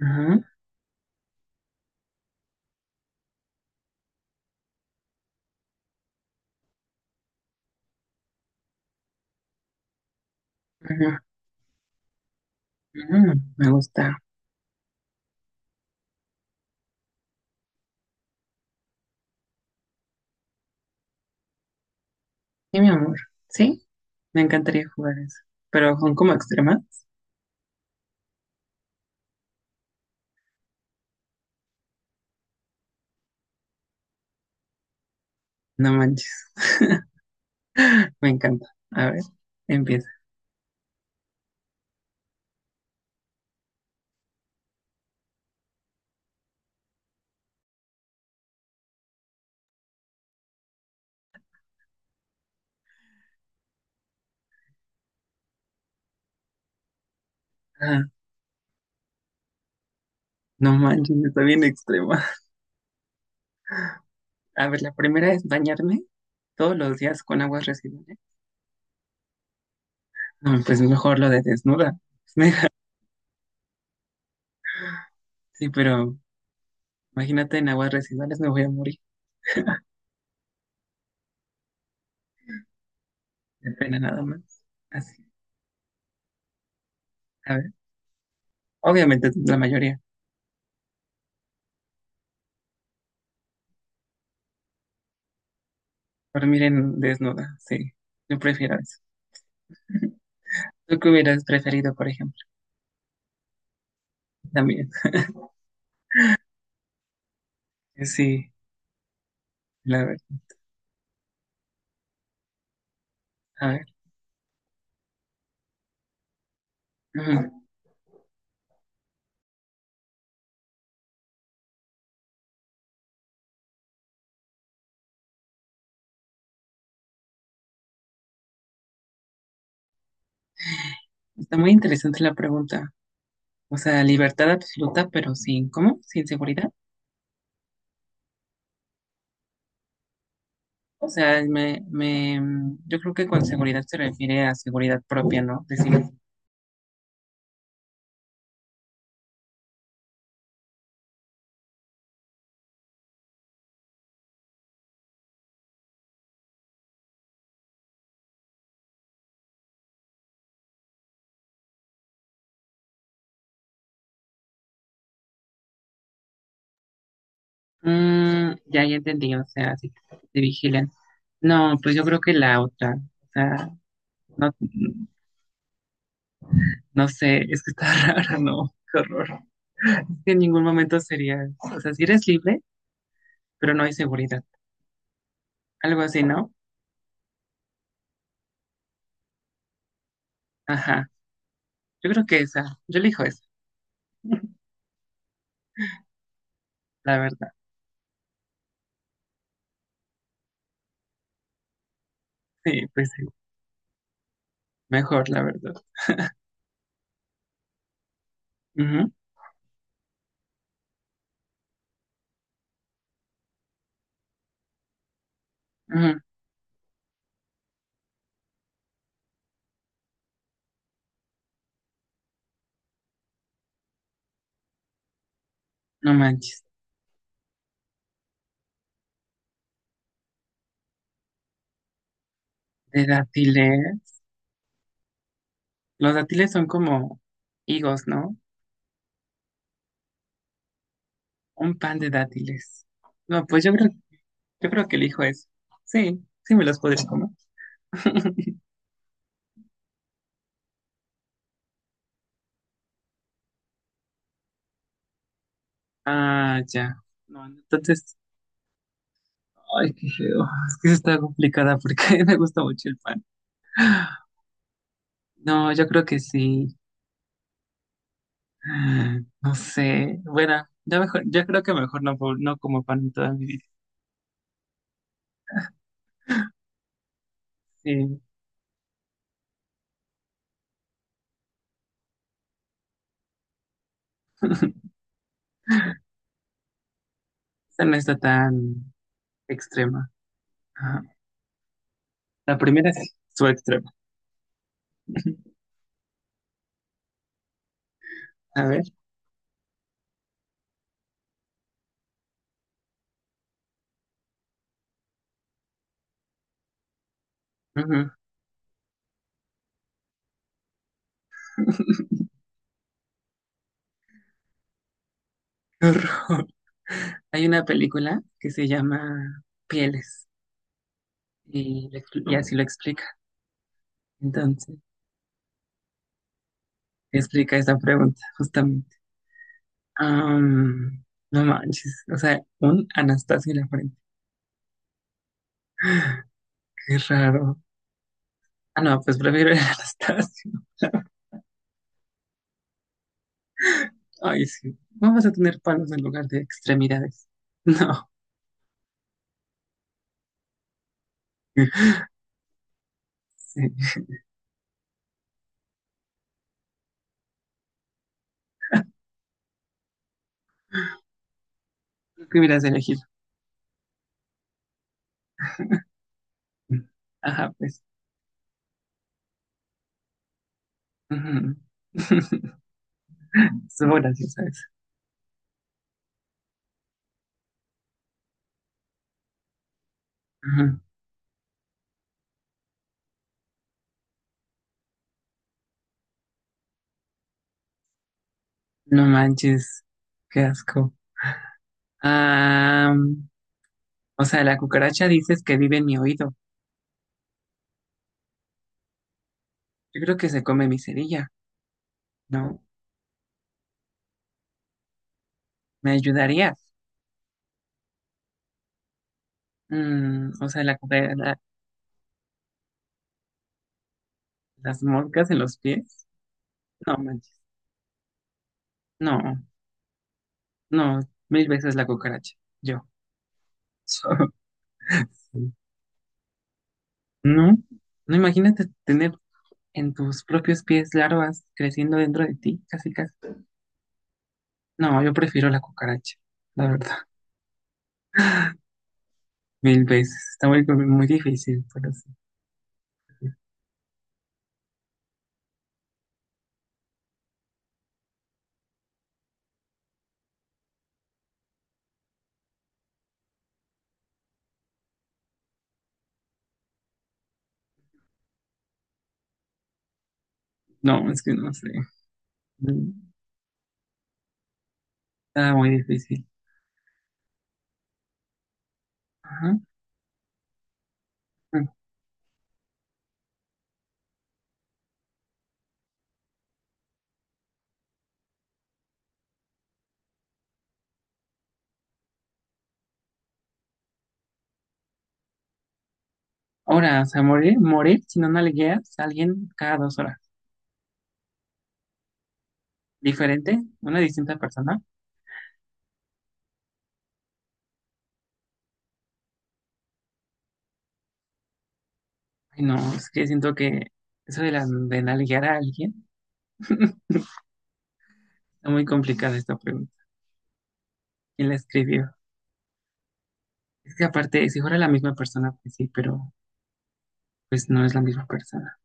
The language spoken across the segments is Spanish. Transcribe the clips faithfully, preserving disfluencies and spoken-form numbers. Ajá, ajá, ajá, me gusta. Sí, mi amor. Sí, me encantaría jugar eso. Pero son como extremas. No manches. Me encanta. A ver, empieza. Ah, no manches, está bien extrema. A ver, la primera es bañarme todos los días con aguas residuales. No, pues mejor lo de desnuda. Sí, pero imagínate en aguas residuales me voy a morir. De pena nada más. Así. A ver, obviamente la mayoría. Dormir en desnuda, sí. Yo prefiero eso. ¿Tú qué hubieras preferido, por ejemplo? También. Sí, la verdad. A ver. Ujú. Está muy interesante la pregunta. O sea, libertad absoluta, pero sin, ¿cómo? Sin seguridad. O sea, me, me, mm, yo creo que con seguridad se refiere a seguridad propia, ¿no? Decir, mm, ya, ya entendí, o sea, si te vigilan. No, pues yo creo que la otra. O sea, no, no sé, es que está rara, ¿no? Qué horror. Que en ningún momento sería, o sea, si eres libre, pero no hay seguridad. Algo así, ¿no? Ajá. Yo creo que esa, yo elijo esa, la verdad. Sí, pues sí, mejor, la verdad. Ujú, ujú. No manches. De dátiles. Los dátiles son como higos, ¿no? Un pan de dátiles. No, pues yo creo, yo creo que elijo eso. Sí, sí me los podría comer. Ah, ya. No, entonces, ay, qué feo. Es que eso está complicada porque me gusta mucho el pan. No, yo creo que sí. Ah, no sé. Bueno, yo mejor, yo creo que mejor no, po- no como pan en toda mi vida. Sí, esta no está tan extrema. Ajá. La primera sí, su extrema. A ver. Ujú. Qué horror. Hay una película que se llama Pieles y, lo expli- y así lo explica. Entonces, explica esa pregunta, justamente. Am, no manches, o sea, un Anastasio en la frente. Qué raro. Ah, no, pues prefiero el Anastasio. Ay, sí. Vamos a tener palos en lugar de extremidades. No, sí. ¿Tú qué hubieras elegido? Ajá, pues. Ujú. Estuvo graciosa esa. Ujú. No manches, qué asco. Ah, o sea, la cucaracha dices que vive en mi oído. Yo creo que se come mi cerilla, ¿no? ¿Me ayudarías? Mm, o sea, la, cuca- la- las moscas en los pies. No manches. No, no, mil veces la cucaracha. Yo. So- sí. No, no imagínate tener en tus propios pies larvas creciendo dentro de ti, casi casi. No, yo prefiero la cucaracha, la verdad, mil veces. Está muy, muy difícil, pero sí. No, es que no sé. Mm, Está muy difícil. Ajá. Mm. Ahora, o sea, morir, morir si no nalgueas a alguien cada dos horas. ¿Diferente? ¿Una distinta persona? Ay, no, es que siento que eso de, la, de nalguear a alguien está muy complicada esta pregunta. ¿Quién la escribió? Es que aparte, si fuera la misma persona, pues sí, pero pues no es la misma persona.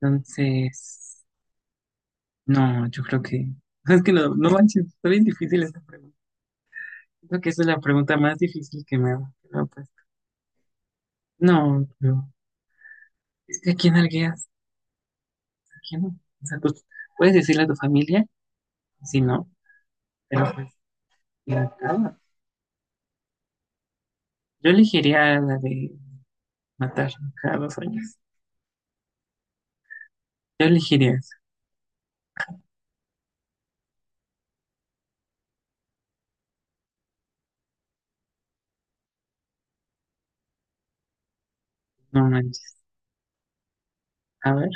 Entonces. No, yo creo que. Es que no, no manches, está bien difícil esa pregunta. Creo que esa es la pregunta más difícil que me ha que me ha No, es que a quién algueas, a quién no. O sea, pues puedes decirle a tu familia, si no, pero pues. Ya, ah, yo elegiría la de matar cada dos años. Yo elegiría esa. No manches. A ver.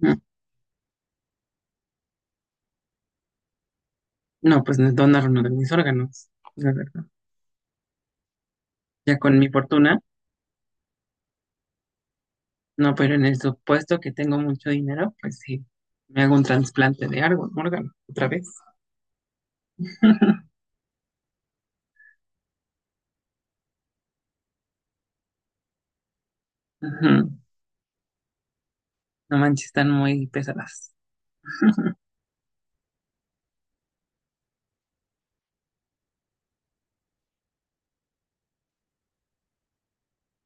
No, no, pues no es donar uno de mis órganos, la verdad. Ya con mi fortuna. No, pero en el supuesto que tengo mucho dinero, pues sí, me hago un trasplante de algo, órgano, otra vez. Ujú. No manches, están muy pesadas.